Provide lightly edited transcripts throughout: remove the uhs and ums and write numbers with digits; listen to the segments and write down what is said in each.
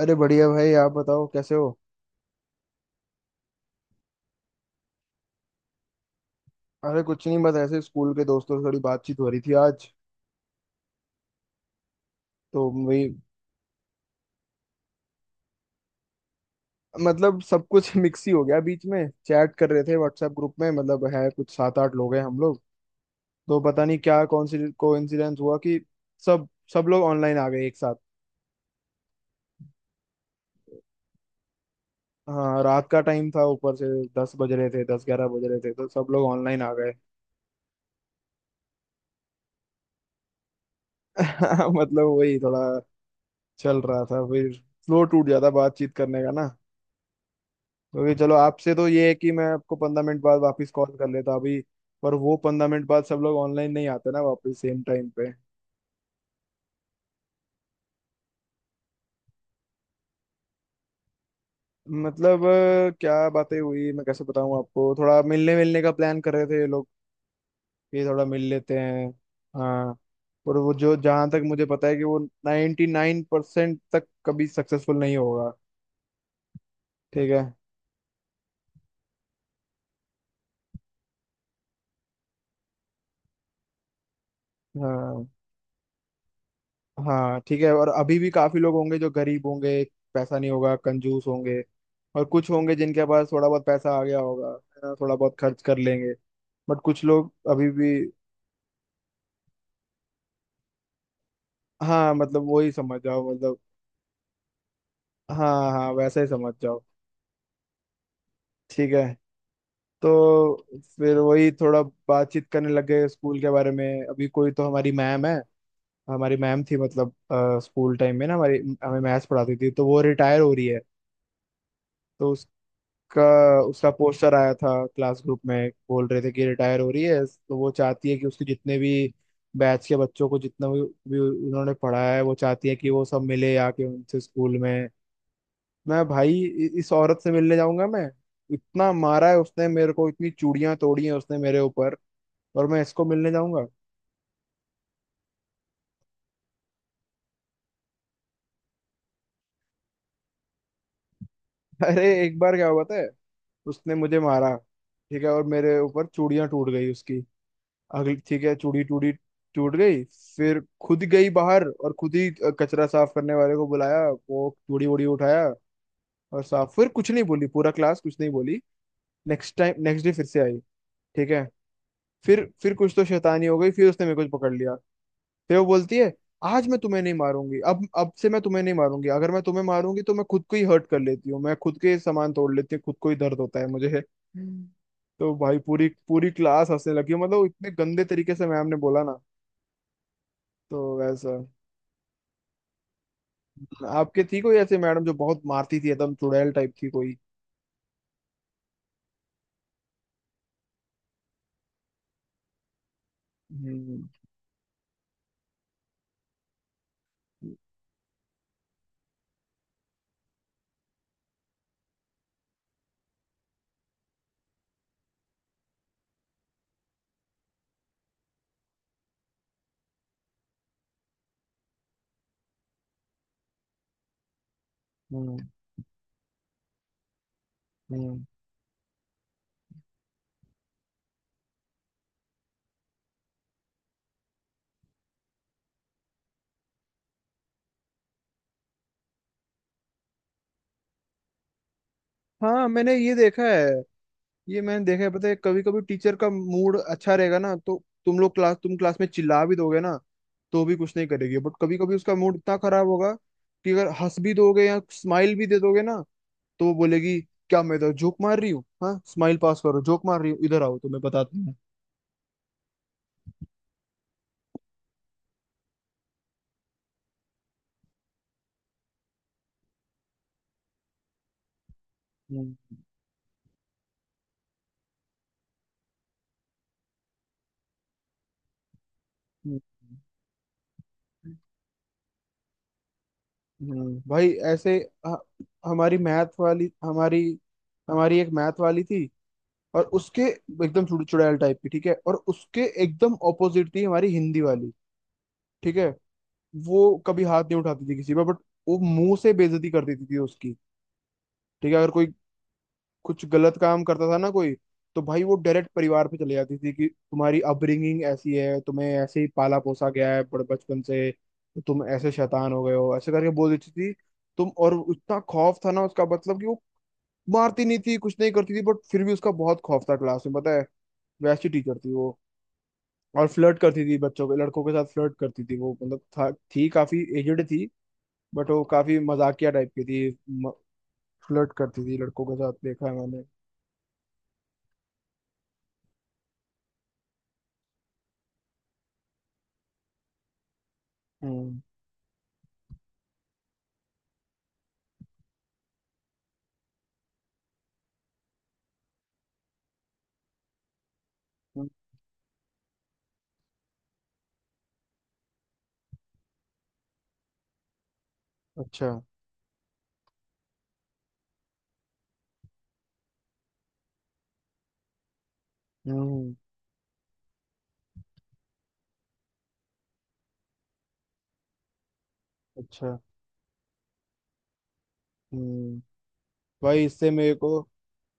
अरे बढ़िया भाई, आप बताओ कैसे हो। अरे कुछ नहीं, बस ऐसे स्कूल के दोस्तों से थोड़ी बातचीत हो रही थी आज। तो वही, मतलब सब कुछ मिक्स ही हो गया। बीच में चैट कर रहे थे व्हाट्सएप ग्रुप में, मतलब है कुछ 7-8 लोग हैं हम लोग। तो पता नहीं क्या कौन सी कोइंसिडेंस हुआ कि सब सब लोग ऑनलाइन आ गए एक साथ। हाँ, रात का टाइम था ऊपर से, 10 बज रहे थे, 10-11 बज रहे थे, तो सब लोग ऑनलाइन आ गए। मतलब वही थोड़ा चल रहा था, फिर फ्लो टूट जाता बातचीत करने का ना। क्योंकि चलो आपसे तो ये है कि मैं आपको 15 मिनट बाद वापस कॉल कर लेता अभी, पर वो 15 मिनट बाद सब लोग ऑनलाइन नहीं आते ना वापस सेम टाइम पे। मतलब क्या बातें हुई मैं कैसे बताऊं आपको। थोड़ा मिलने मिलने का प्लान कर रहे थे ये लोग कि थोड़ा मिल लेते हैं। हाँ। और वो जो, जहाँ तक मुझे पता है कि वो 99% तक कभी सक्सेसफुल नहीं होगा। ठीक है। हाँ। हाँ, ठीक है। और अभी भी काफी लोग होंगे जो गरीब होंगे, पैसा नहीं होगा, कंजूस होंगे। और कुछ होंगे जिनके पास थोड़ा बहुत पैसा आ गया होगा, है ना, थोड़ा बहुत खर्च कर लेंगे। बट कुछ लोग अभी भी। हाँ, मतलब वही समझ जाओ, मतलब। हाँ हाँ, वैसा ही समझ जाओ। ठीक है। तो फिर वही थोड़ा बातचीत करने लग गए स्कूल के बारे में। अभी कोई तो हमारी मैम है, हमारी मैम थी। मतलब स्कूल टाइम में ना हमारी, हमें मैथ्स पढ़ाती थी, तो वो रिटायर हो रही है। तो का उसका पोस्टर आया था क्लास ग्रुप में, बोल रहे थे कि रिटायर हो रही है। तो वो चाहती है कि उसके जितने भी बैच के बच्चों को जितना भी उन्होंने पढ़ाया है, वो चाहती है कि वो सब मिले आके उनसे स्कूल में। मैं भाई इस औरत से मिलने जाऊंगा मैं? इतना मारा है उसने मेरे को, इतनी चूड़ियां तोड़ी हैं उसने मेरे ऊपर, और मैं इसको मिलने जाऊंगा? अरे एक बार क्या हुआ पता है, उसने मुझे मारा, ठीक है, और मेरे ऊपर चूड़ियां टूट गई उसकी। अगली, ठीक है, चूड़ी टूटी, टूट गई। फिर खुद गई बाहर और खुद ही कचरा साफ करने वाले को बुलाया, वो चूड़ी वूड़ी उठाया और साफ। फिर कुछ नहीं बोली, पूरा क्लास कुछ नहीं बोली। नेक्स्ट टाइम, नेक्स्ट डे फिर से आई, ठीक है। फिर कुछ तो शैतानी हो गई, फिर उसने मेरे को पकड़ लिया। फिर वो बोलती है, आज मैं तुम्हें नहीं मारूंगी, अब से मैं तुम्हें नहीं मारूंगी। अगर मैं तुम्हें मारूंगी तो मैं खुद को ही हर्ट कर लेती हूँ, मैं खुद के सामान तोड़ लेती हूँ, खुद को ही दर्द होता है मुझे। तो भाई पूरी पूरी क्लास हंसने लगी। मतलब इतने गंदे तरीके से मैम ने बोला ना। तो वैसा, आपके थी कोई ऐसे मैडम जो बहुत मारती थी, एकदम चुड़ैल टाइप थी कोई? हम्म। हम्म। हम्म। हाँ, मैंने ये देखा है, ये मैंने देखा है, पता है। कभी कभी टीचर का मूड अच्छा रहेगा ना, तो तुम लोग क्लास, तुम क्लास में चिल्ला भी दोगे ना तो भी कुछ नहीं करेगी। बट कभी कभी उसका मूड इतना खराब होगा कि अगर हंस भी दोगे या स्माइल भी दे दोगे ना, तो वो बोलेगी, क्या मैं इधर जोक मार रही हूँ? हाँ, स्माइल पास करो, जोक मार रही हूँ इधर, आओ तुम्हें बताती हूँ। हम्म। हम्म। भाई, ऐसे। ह- हमारी मैथ वाली, हमारी, हमारी एक मैथ वाली थी, और उसके एकदम चुड़ैल टाइप की, ठीक है। और उसके एकदम ऑपोजिट थी हमारी हिंदी वाली, ठीक है। वो कभी हाथ नहीं उठाती थी किसी पर, बट वो मुंह से बेइज्जती कर देती थी उसकी, ठीक है। अगर कोई कुछ गलत काम करता था ना कोई, तो भाई वो डायरेक्ट परिवार पे चले जाती थी कि तुम्हारी अपब्रिंगिंग ऐसी है, तुम्हें ऐसे ही पाला पोसा गया है बड़े बचपन से, तो तुम ऐसे शैतान हो गए हो, ऐसे करके बोल देती थी तुम। और इतना खौफ था ना उसका, मतलब कि वो मारती नहीं थी, कुछ नहीं करती थी, बट फिर भी उसका बहुत खौफ था क्लास में, पता है। वैसी टीचर थी वो। और फ्लर्ट करती थी बच्चों के, लड़कों के साथ फ्लर्ट करती थी वो। मतलब था, थी काफी एजड थी, बट वो काफी मजाकिया टाइप की थी। फ्लर्ट करती थी लड़कों के साथ, देखा है मैंने। हम्म। हम्म। अच्छा। हम्म। अच्छा। हम्म भाई,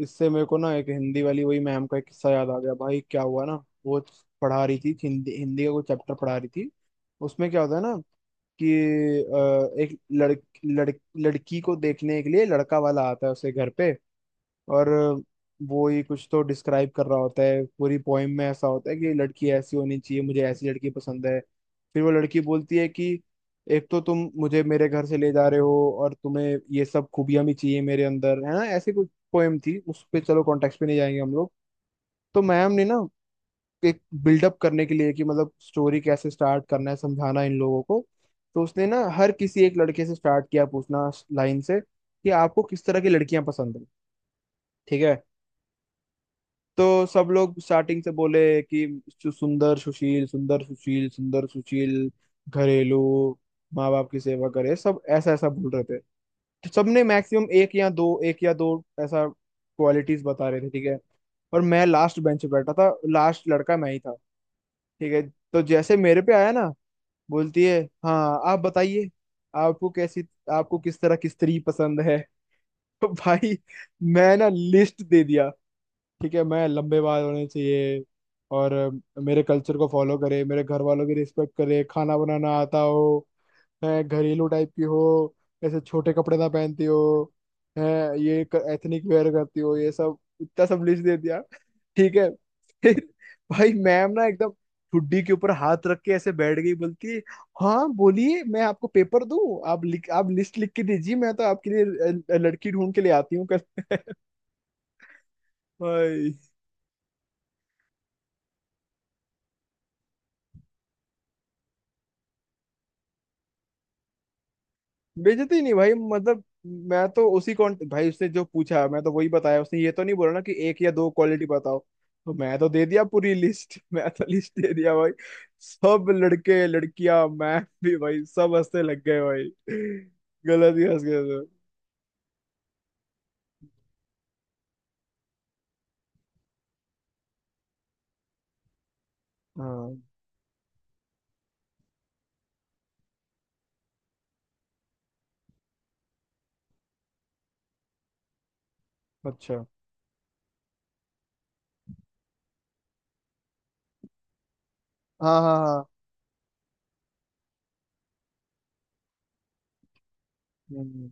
इससे मेरे को ना एक हिंदी वाली वही मैम का एक किस्सा याद आ गया। भाई क्या हुआ ना, वो पढ़ा रही थी हिंदी, हिंदी का कोई चैप्टर पढ़ा रही थी। उसमें क्या होता है ना कि एक लड़, लड़ लड़की को देखने के लिए लड़का वाला आता है उसके घर पे। और वो ही कुछ तो डिस्क्राइब कर रहा होता है, पूरी पोइम में ऐसा होता है कि लड़की ऐसी होनी चाहिए, मुझे ऐसी लड़की पसंद है। फिर वो लड़की बोलती है कि एक तो तुम मुझे मेरे घर से ले जा रहे हो और तुम्हें ये सब खूबियां भी चाहिए मेरे अंदर, है ना। ऐसी कुछ पोएम थी, उस पे चलो कॉन्टेक्स्ट पे नहीं जाएंगे हम लोग। तो मैम ने ना एक बिल्डअप करने के लिए, कि मतलब स्टोरी कैसे स्टार्ट करना है, समझाना इन लोगों को, तो उसने ना हर किसी, एक लड़के से स्टार्ट किया पूछना लाइन से कि आपको किस तरह की लड़कियां पसंद है, ठीक है। तो सब लोग स्टार्टिंग से बोले कि सुंदर सुशील, सुंदर सुशील, सुंदर सुशील, घरेलू, माँ बाप की सेवा करे, सब ऐसा ऐसा बोल रहे थे। तो सबने मैक्सिमम एक या दो, एक या दो ऐसा क्वालिटीज बता रहे थे, ठीक है। और मैं लास्ट बेंच पे बैठा था, लास्ट लड़का मैं ही था, ठीक है। तो जैसे मेरे पे आया ना, बोलती है, हाँ आप बताइए, आपको कैसी, आपको किस तरह की स्त्री पसंद है। तो भाई मैं ना लिस्ट दे दिया, ठीक है। मैं, लंबे बाल होने चाहिए, और मेरे कल्चर को फॉलो करे, मेरे घर वालों की रिस्पेक्ट करे, खाना बनाना आता हो, है, घरेलू टाइप की हो, ऐसे छोटे कपड़े ना पहनती हो, है, ये, एथनिक वेयर करती हो, ये सब इतना सब लिस्ट दे दिया, ठीक है। फिर भाई मैम ना एकदम ठुड्डी के ऊपर हाथ रख के ऐसे बैठ गई, बोलती है, हाँ बोलिए, मैं आपको पेपर दूं, आप लिख, आप लिस्ट लिख के दीजिए, मैं तो आपके लिए लड़की ढूंढ के ले आती हूँ कल। भाई, बेइज्जती नहीं भाई, मतलब मैं तो उसी कॉन्ट, भाई उसने जो पूछा मैं तो वही बताया। उसने ये तो नहीं बोला ना कि एक या दो क्वालिटी बताओ, तो मैं तो दे दिया पूरी लिस्ट। मैं तो लिस्ट दे दिया भाई, सब लड़के लड़कियां, मैं भी, भाई सब हंसने लग गए भाई। गलत ही हंस गए थे। हाँ। अच्छा। हाँ हाँ हाँ। हम्म।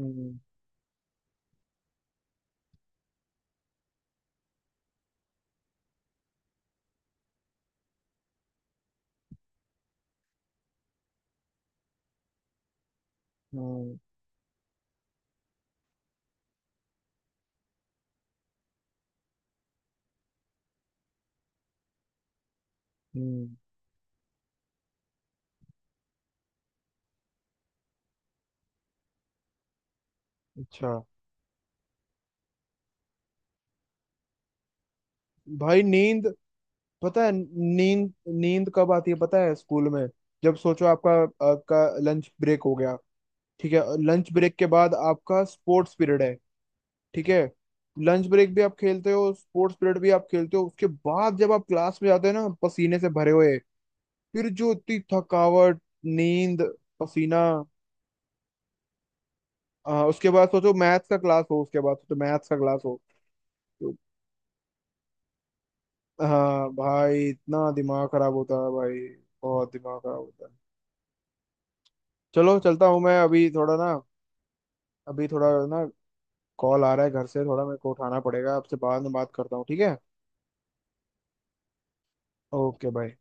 हम्म। हम्म। हम्म। अच्छा। भाई नींद, पता है नींद नींद कब आती है पता है स्कूल में? जब सोचो आपका, आपका लंच ब्रेक हो गया, ठीक है, लंच ब्रेक के बाद आपका स्पोर्ट्स पीरियड है, ठीक है। लंच ब्रेक भी आप खेलते हो, स्पोर्ट्स पीरियड भी आप खेलते हो, उसके बाद जब आप क्लास में जाते हो ना पसीने से भरे हुए, फिर जो इतनी थकावट, नींद, पसीना, उसके बाद सोचो मैथ्स का क्लास हो, उसके बाद सोचो मैथ्स का क्लास हो। तो, हाँ भाई, इतना दिमाग खराब होता है भाई, बहुत दिमाग खराब होता है। चलो चलता हूँ मैं, अभी थोड़ा ना, अभी थोड़ा ना, कॉल आ रहा है घर से, थोड़ा मेरे को उठाना पड़ेगा। आपसे बाद में बात करता हूँ, ठीक है। ओके भाई।